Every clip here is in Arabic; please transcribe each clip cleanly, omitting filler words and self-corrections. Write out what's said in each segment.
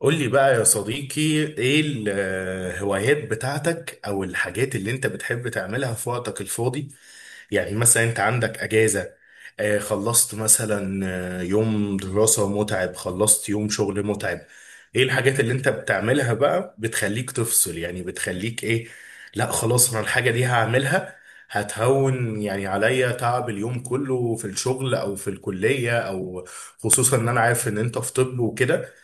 قول لي بقى يا صديقي، ايه الهوايات بتاعتك او الحاجات اللي انت بتحب تعملها في وقتك الفاضي؟ يعني مثلا انت عندك اجازة. خلصت مثلا. يوم دراسة متعب، خلصت يوم شغل متعب. ايه الحاجات اللي انت بتعملها بقى بتخليك تفصل؟ يعني بتخليك ايه؟ لا خلاص انا الحاجة دي هعملها، هتهون يعني عليا تعب اليوم كله في الشغل او في الكلية او، خصوصا ان انا عارف ان انت في طب وكده،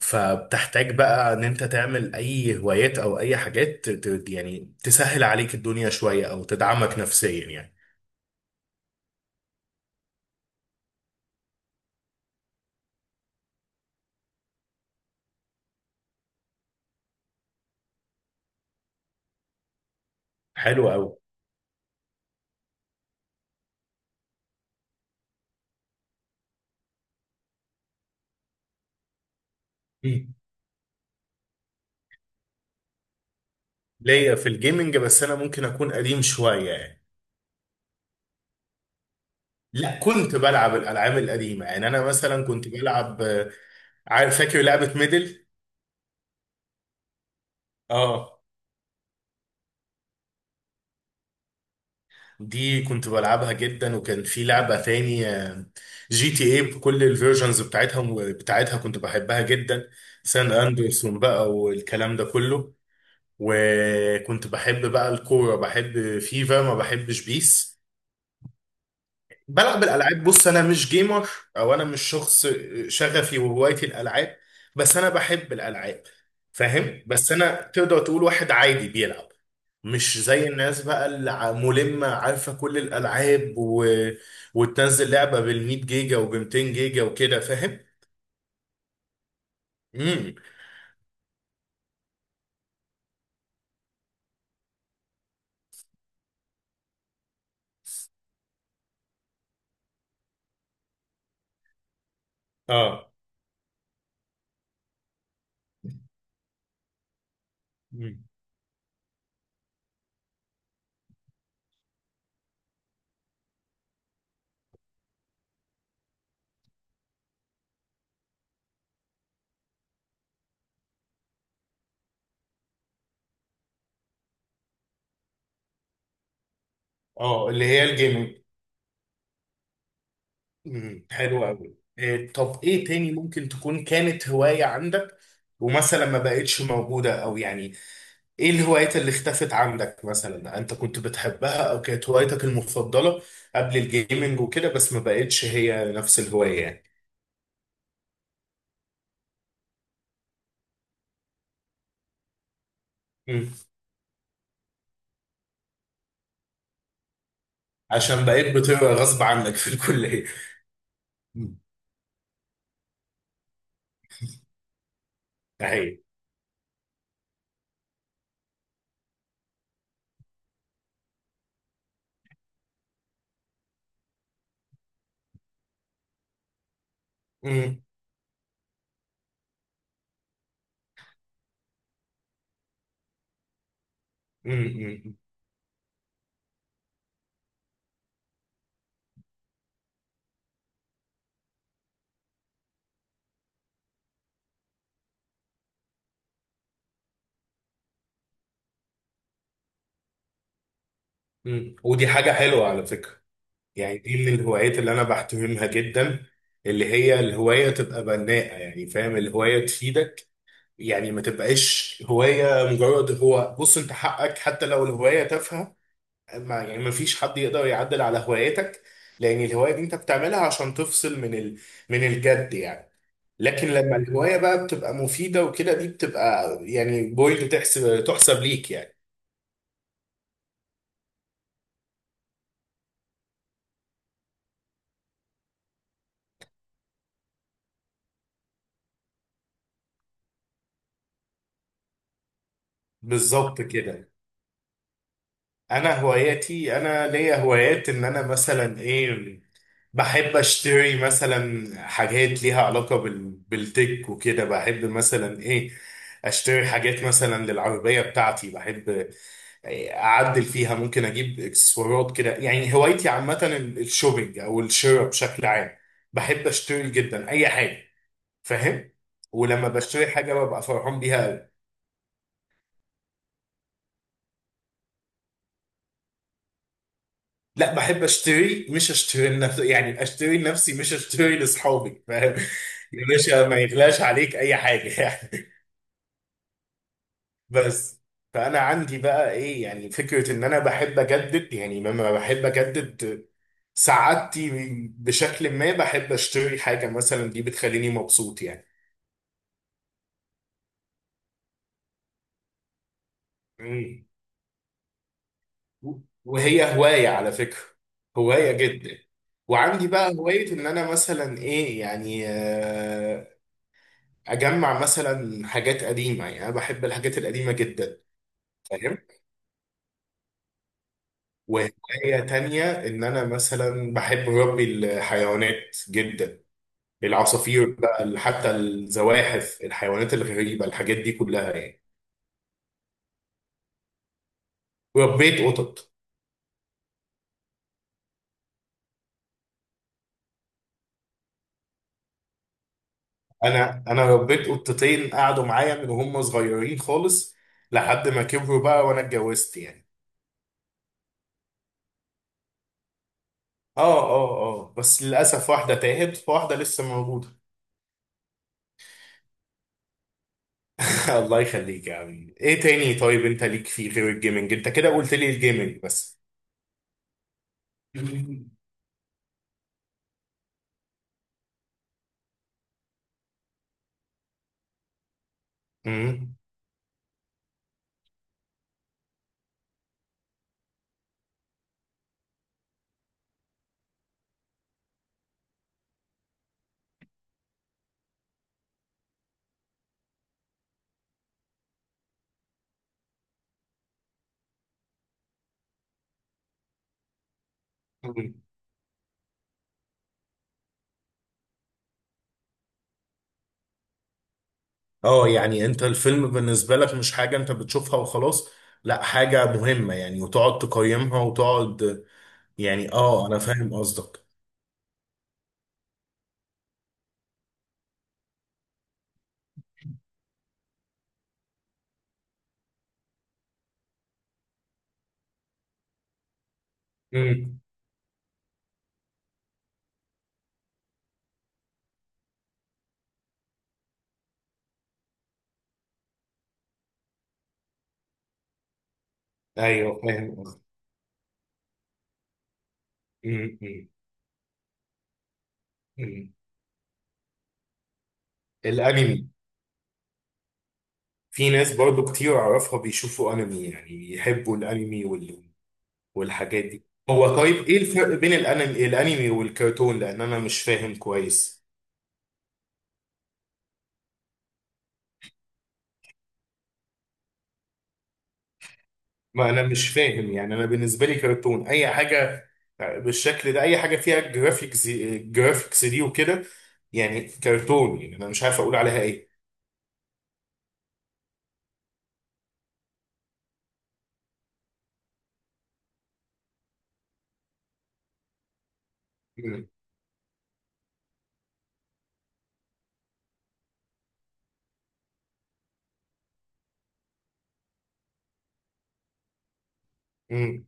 فبتحتاج بقى ان انت تعمل اي هوايات او اي حاجات يعني تسهل عليك الدنيا شوية او تدعمك نفسيا يعني. حلو قوي. مم. ليا في الجيمنج، بس انا ممكن اكون قديم شوية يعني. لا كنت بلعب الالعاب القديمة، يعني انا مثلا كنت بلعب، عارف فاكر لعبة ميدل؟ اه. دي كنت بلعبها جدا، وكان في لعبة تانية جي تي اي بكل الفيرجنز بتاعتها بتاعتها كنت بحبها جدا. سان اندرسون بقى والكلام ده كله. وكنت بحب بقى الكورة، بحب فيفا، ما بحبش بيس. بلعب الألعاب، بص أنا مش جيمر، أو أنا مش شخص شغفي وهوايتي الألعاب. بس أنا بحب الألعاب، فاهم؟ بس أنا تقدر تقول واحد عادي بيلعب. مش زي الناس بقى اللي ملمة عارفة كل الألعاب وتنزل لعبة بال100 جيجا وب200 جيجا وكده، فاهم؟ امم اه. مم. اه اللي هي الجيمنج. مم، حلو قوي. إيه طب ايه تاني ممكن تكون كانت هواية عندك، ومثلا ما بقتش موجودة، او يعني ايه الهوايات اللي اختفت عندك مثلا؟ انت كنت بتحبها او كانت هوايتك المفضلة قبل الجيمنج وكده، بس ما بقتش هي نفس الهواية يعني. مم. عشان بقيت بتبقى غصب عنك في الكلية. مم. اهي. مم، مم. مم، مم. ودي حاجة حلوة على فكرة. يعني دي اللي الهوايات اللي انا بحترمها جدا، اللي هي الهوايه تبقى بناءه، يعني فاهم الهوايه تفيدك. يعني ما تبقاش هوايه مجرد، هو بص انت حقك حتى لو الهوايه تافهه، ما يعني ما فيش حد يقدر يعدل على هوايتك، لان الهوايه دي انت بتعملها عشان تفصل من الجد يعني. لكن لما الهوايه بقى بتبقى مفيده وكده، دي بتبقى يعني بوينت تحسب تحسب ليك يعني. بالظبط كده. انا هواياتي، انا ليا هوايات ان انا مثلا ايه، بحب اشتري مثلا حاجات ليها علاقة بالتك وكده. بحب مثلا ايه، اشتري حاجات مثلا للعربية بتاعتي. بحب إيه اعدل فيها، ممكن اجيب اكسسوارات كده. يعني هوايتي عامة الشوبينج او الشراء بشكل عام. بحب اشتري جدا اي حاجة. فاهم؟ ولما بشتري حاجة ببقى فرحان بيها. لا بحب اشتري، مش اشتري لنفسي يعني، اشتري لنفسي مش اشتري لاصحابي، فاهم؟ يا باشا ما يغلاش عليك اي حاجه يعني. بس، فانا عندي بقى ايه، يعني فكره ان انا بحب اجدد. يعني لما بحب اجدد سعادتي بشكل ما، بحب اشتري حاجه مثلا دي بتخليني مبسوط يعني. مم. وهي هوايه على فكره، هوايه جدا. وعندي بقى هوايه ان انا مثلا ايه يعني، اجمع مثلا حاجات قديمه. يعني انا بحب الحاجات القديمه جدا، فاهم؟ وهوايه تانية ان انا مثلا بحب ربي الحيوانات جدا. العصافير بقى، حتى الزواحف، الحيوانات الغريبه، الحاجات دي كلها يعني. ربيت قطط. انا ربيت قطتين قعدوا معايا من هم صغيرين خالص، لحد ما كبروا بقى وانا اتجوزت يعني. اه، اه، اه، بس للاسف واحده تاهت، واحده لسه موجوده. الله يخليك يا عم. ايه تاني؟ طيب انت ليك فيه غير الجيمنج؟ انت كده قلت لي الجيمنج بس. مم. مم. اه يعني انت الفيلم بالنسبة لك مش حاجة انت بتشوفها وخلاص، لا حاجة مهمة يعني، وتقعد تقيمها وتقعد. يعني اه انا فاهم قصدك. مم. ايوه فاهم قصدك. مم. مم. مم. الانمي. في ناس برضو كتير اعرفها بيشوفوا انمي، يعني بيحبوا الانمي والحاجات دي. هو طيب ايه الفرق بين الانمي الانمي والكرتون؟ لان انا مش فاهم كويس. ما انا مش فاهم يعني، انا بالنسبه لي كرتون اي حاجه بالشكل ده، اي حاجه فيها جرافيكس، جرافيكس دي وكده يعني كرتون. يعني انا مش عارف اقول عليها ايه. مم. مم.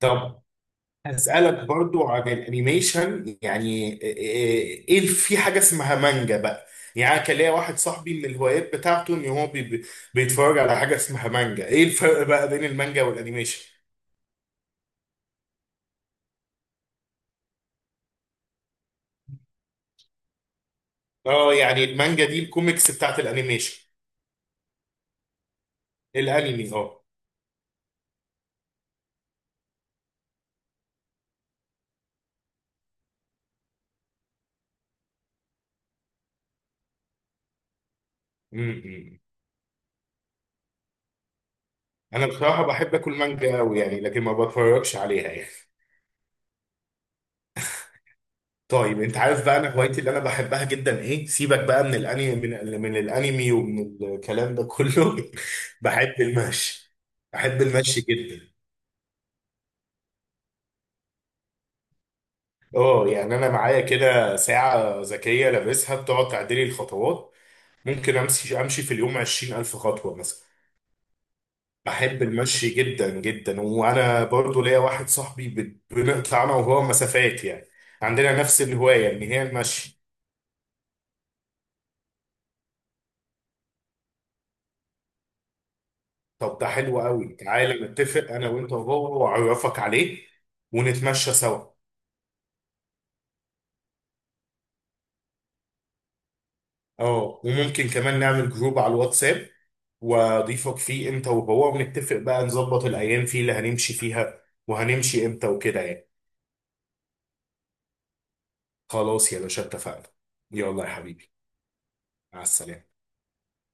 طب هسألك برضو عن الانيميشن، يعني ايه في حاجة اسمها مانجا بقى؟ يعني أنا كان ليا واحد صاحبي من الهوايات بتاعته ان هو بيتفرج على حاجة اسمها مانجا. ايه الفرق بقى بين المانجا والانيميشن؟ اه يعني المانجا دي الكوميكس بتاعت الانيميشن. الانمي، اه. م. انا بصراحة بحب اكل مانجا قوي يعني، لكن ما بتفرجش عليها يعني. طيب انت عارف بقى انا هوايتي اللي انا بحبها جدا ايه؟ سيبك بقى من الانمي، من الانمي ومن الكلام ده كله. بحب المشي. بحب المشي جدا. اه يعني انا معايا كده ساعة ذكية لابسها بتقعد تعدلي الخطوات. ممكن امشي امشي في اليوم 20000 خطوة مثلا. بحب المشي جدا جدا. وانا برضو ليا واحد صاحبي بنقطع انا وهو مسافات يعني، عندنا نفس الهواية ان هي المشي. طب ده حلو قوي، تعالى نتفق انا وانت وهو، واعرفك عليه ونتمشى سوا. اه وممكن كمان نعمل جروب على الواتساب، واضيفك فيه انت وهو، ونتفق بقى نظبط الايام فيه اللي هنمشي فيها، وهنمشي امتى وكده يعني. خلاص يا باشا اتفقنا. يلا يا حبيبي، مع السلامة.